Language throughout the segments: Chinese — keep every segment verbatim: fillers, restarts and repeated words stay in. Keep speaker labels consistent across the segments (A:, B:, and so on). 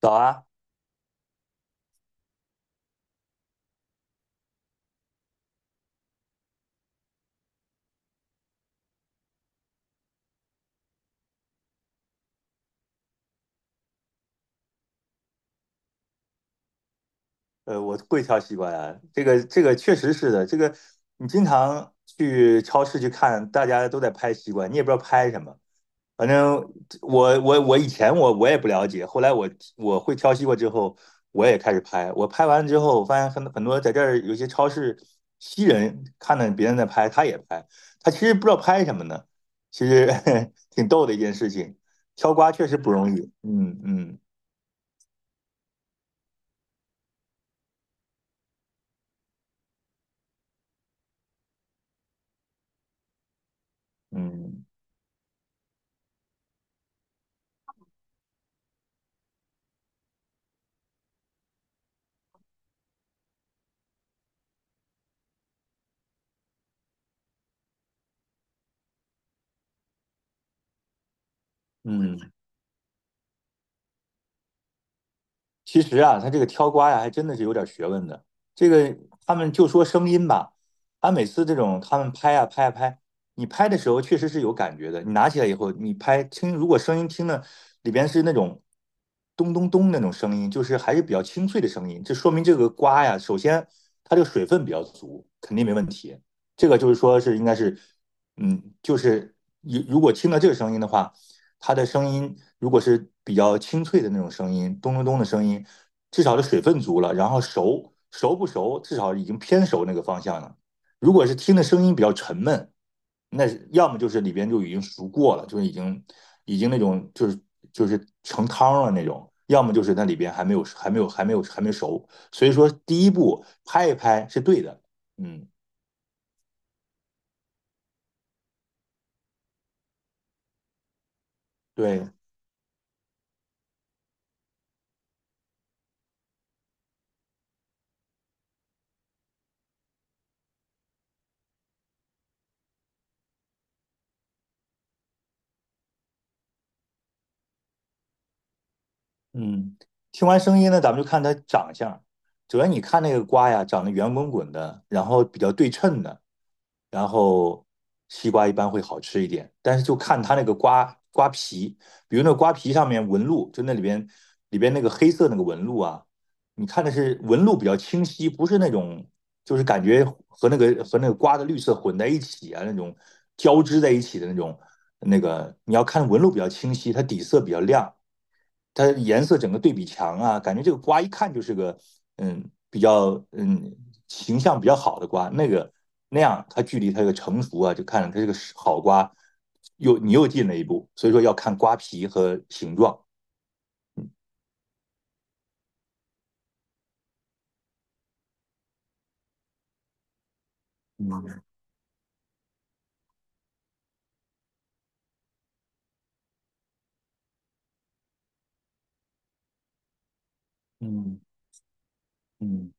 A: 早啊，呃，我会挑西瓜呀，这个这个确实是的，这个你经常去超市去看，大家都在拍西瓜，你也不知道拍什么。反正我我我以前我我也不了解，后来我我会挑西瓜之后，我也开始拍。我拍完之后，我发现很很多在这儿有些超市西人看到别人在拍，他也拍，他其实不知道拍什么呢，其实 挺逗的一件事情。挑瓜确实不容易，嗯嗯嗯嗯。其实啊，他这个挑瓜呀，还真的是有点学问的。这个他们就说声音吧，他每次这种他们拍啊拍啊拍，你拍的时候确实是有感觉的。你拿起来以后，你拍听，如果声音听的里边是那种咚咚咚那种声音，就是还是比较清脆的声音，这说明这个瓜呀，首先它这个水分比较足，肯定没问题。这个就是说是应该是，嗯，就是如如果听到这个声音的话。它的声音如果是比较清脆的那种声音，咚咚咚的声音，至少是水分足了，然后熟熟不熟，至少已经偏熟那个方向了。如果是听的声音比较沉闷，那要么就是里边就已经熟过了，就是已经已经那种就是就是成汤了那种，要么就是那里边还没有还没有还没有还没熟。所以说第一步拍一拍是对的，嗯，对，嗯，听完声音呢，咱们就看它长相。主要你看那个瓜呀，长得圆滚滚的，然后比较对称的，然后西瓜一般会好吃一点。但是就看它那个瓜瓜皮，比如那瓜皮上面纹路，就那里边里边那个黑色那个纹路啊，你看的是纹路比较清晰，不是那种就是感觉和那个和那个瓜的绿色混在一起啊，那种交织在一起的那种那个，你要看纹路比较清晰，它底色比较亮。它颜色整个对比强啊，感觉这个瓜一看就是个嗯比较嗯形象比较好的瓜，那个那样它距离它这个成熟啊，就看着它这个好瓜又你又进了一步，所以说要看瓜皮和形状。嗯嗯嗯。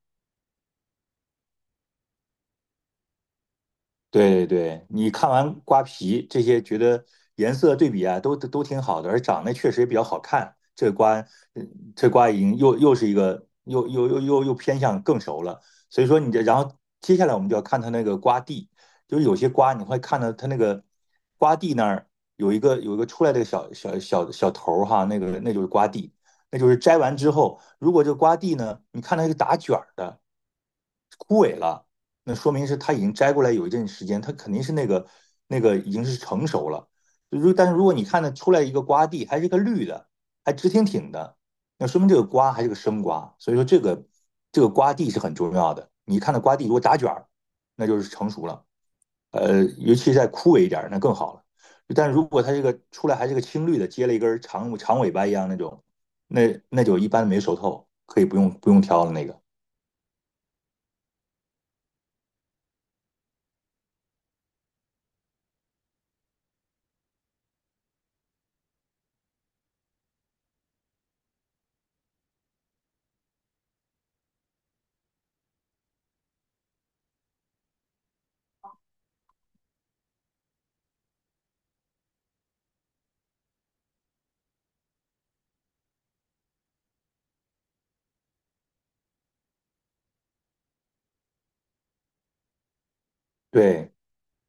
A: 对对，你看完瓜皮这些，觉得颜色对比啊，都都都挺好的，而长得确实也比较好看。这瓜，嗯这瓜已经又又是一个又又又又又偏向更熟了。所以说你这，然后接下来我们就要看它那个瓜蒂，就是有些瓜你会看到它那个瓜蒂那儿有一个有一个出来的小小小小头儿哈，那个那就是瓜蒂，那就是摘完之后，如果这瓜蒂呢，你看它是打卷儿的。枯萎了，那说明是它已经摘过来有一阵时间，它肯定是那个那个已经是成熟了。如但是如果你看它出来一个瓜蒂还是个绿的，还直挺挺的，那说明这个瓜还是个生瓜。所以说这个这个瓜蒂是很重要的。你看到瓜蒂如果打卷儿，那就是成熟了。呃，尤其再枯萎一点那更好了。但如果它这个出来还是个青绿的，接了一根长长尾巴一样那种，那那就一般没熟透，可以不用不用挑了那个。对，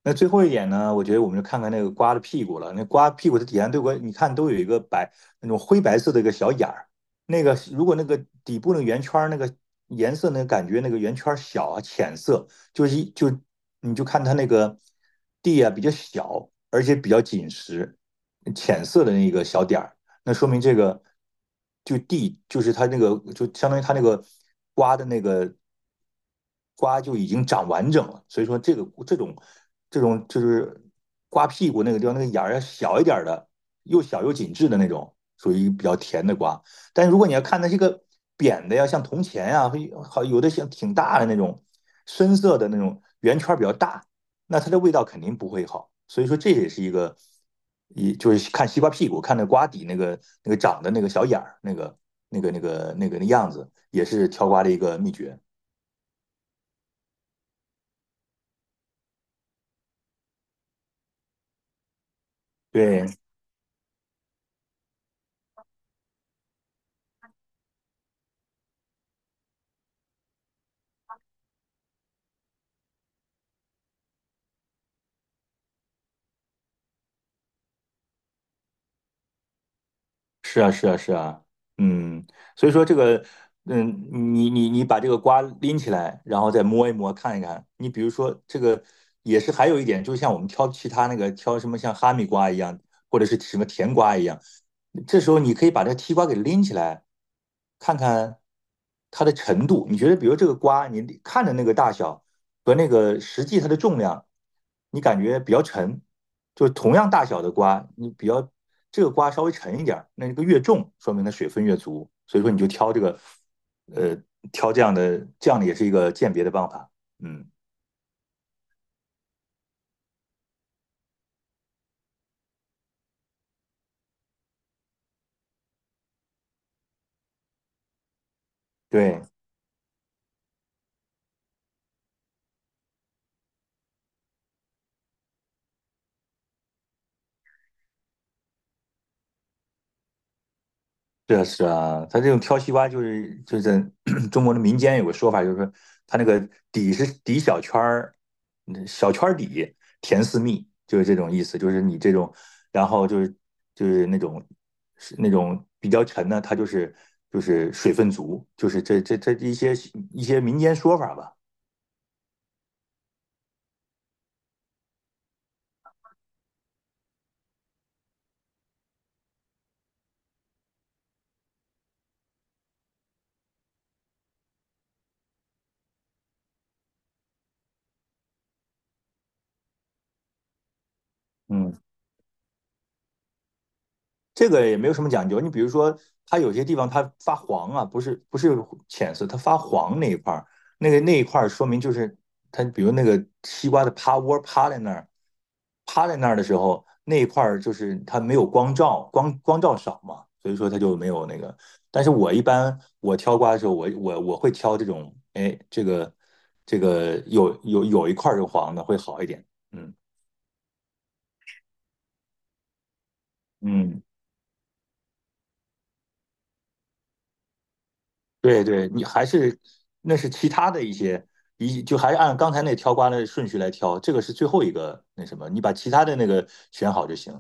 A: 那最后一点呢，我觉得我们就看看那个瓜的屁股了。那瓜屁股的底下对过，你看都有一个白那种灰白色的一个小眼儿。那个如果那个底部那个圆圈儿那个颜色那个感觉那个圆圈儿小啊浅色，就是一就你就看它那个地啊比较小，而且比较紧实，浅色的那个小点儿，那说明这个就地就是它那个就相当于它那个瓜的那个瓜就已经长完整了，所以说这个这种这种就是瓜屁股那个地方那个眼儿小一点的，又小又紧致的那种，属于比较甜的瓜。但如果你要看它这个扁的呀，像铜钱呀，好有的像挺大的那种深色的那种圆圈比较大，那它的味道肯定不会好。所以说这也是一个，一就是看西瓜屁股，看那瓜底那个那个长的那个小眼儿，那个那个那个那个那样子，也是挑瓜的一个秘诀。对，是啊，是啊，是啊，嗯，所以说这个，嗯，你你你把这个瓜拎起来，然后再摸一摸，看一看。你比如说这个，也是还有一点，就像我们挑其他那个挑什么像哈密瓜一样，或者是什么甜瓜一样，这时候你可以把这西瓜给拎起来，看看它的程度。你觉得，比如这个瓜，你看着那个大小。和那个实际它的重量，你感觉比较沉，就是同样大小的瓜，你比较这个瓜稍微沉一点儿，那个越重，说明它水分越足，所以说你就挑这个，呃，挑这样的，这样的也是一个鉴别的办法。嗯，对。是啊，是啊，他这种挑西瓜就是就是在 中国的民间有个说法，就是说他那个底是底小圈儿，嗯小圈儿底甜似蜜，就是这种意思。就是你这种，然后就是就是那种是那种比较沉的，它就是就是水分足，就是这这这一些一些民间说法吧。嗯。这个也没有什么讲究。你比如说，它有些地方它发黄啊，不是不是浅色，它发黄那一块儿，那个那一块儿说明就是它，比如那个西瓜的趴窝趴在那儿，趴在那儿的时候，那一块儿就是它没有光照，光光照少嘛，所以说它就没有那个。但是我一般我挑瓜的时候，我我我会挑这种，哎，这个这个有有有一块儿是黄的会好一点。嗯嗯。对对，你还是那是其他的一些，一就还是按刚才那挑瓜的顺序来挑，这个是最后一个那什么，你把其他的那个选好就行。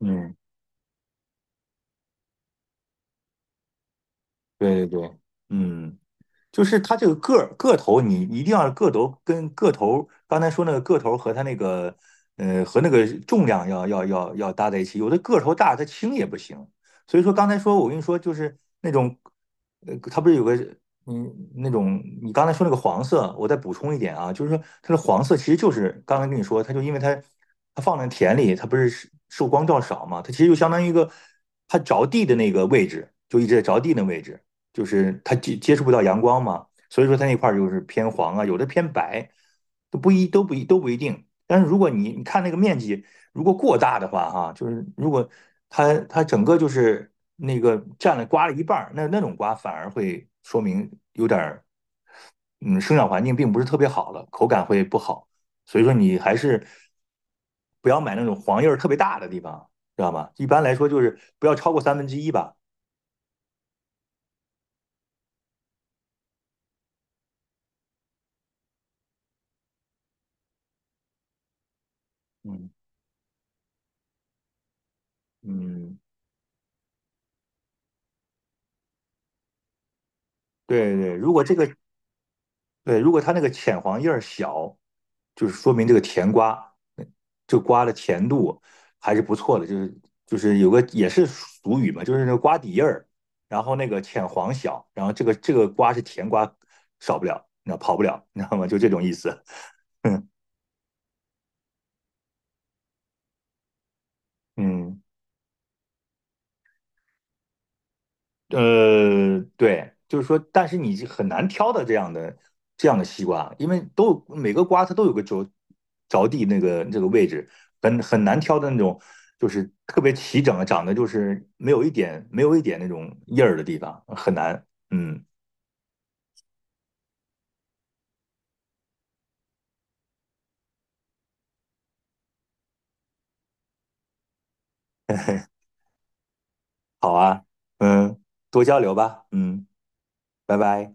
A: 嗯，对对对，嗯。就是它这个个儿个头，你一定要个头跟个头，刚才说那个个头和它那个呃和那个重量要要要要搭在一起。有的个头大，它轻也不行。所以说刚才说我跟你说，就是那种呃，它不是有个嗯那种你刚才说那个黄色，我再补充一点啊，就是说它的黄色其实就是刚才跟你说，它就因为它它放在田里，它不是受光照少嘛，它其实就相当于一个它着地的那个位置，就一直在着地那位置。就是它接接触不到阳光嘛，所以说它那块儿就是偏黄啊，有的偏白，都不一都不一都不一定。但是如果你你看那个面积如果过大的话，哈，啊就是如果它它整个就是那个占了瓜了一半儿那那种瓜反而会说明有点儿嗯生长环境并不是特别好了，口感会不好。所以说你还是不要买那种黄叶儿特别大的地方，知道吗？一般来说就是不要超过三分之一吧。嗯嗯，对对，如果这个对，如果它那个浅黄叶儿小，就是说明这个甜瓜，嗯这瓜的甜度还是不错的。就是就是有个也是俗语嘛，就是那个瓜底叶儿，然后那个浅黄小，然后这个这个瓜是甜瓜，少不了，那跑不了，你知道吗？就这种意思。嗯嗯。呃，对，就是说，但是你很难挑的这样的这样的西瓜，因为都每个瓜它都有个着着地那个这个位置，很很难挑的那种，就是特别齐整的，长得就是没有一点没有一点那种印儿的地方，很难。嗯，好啊，嗯，多交流吧，嗯，拜拜。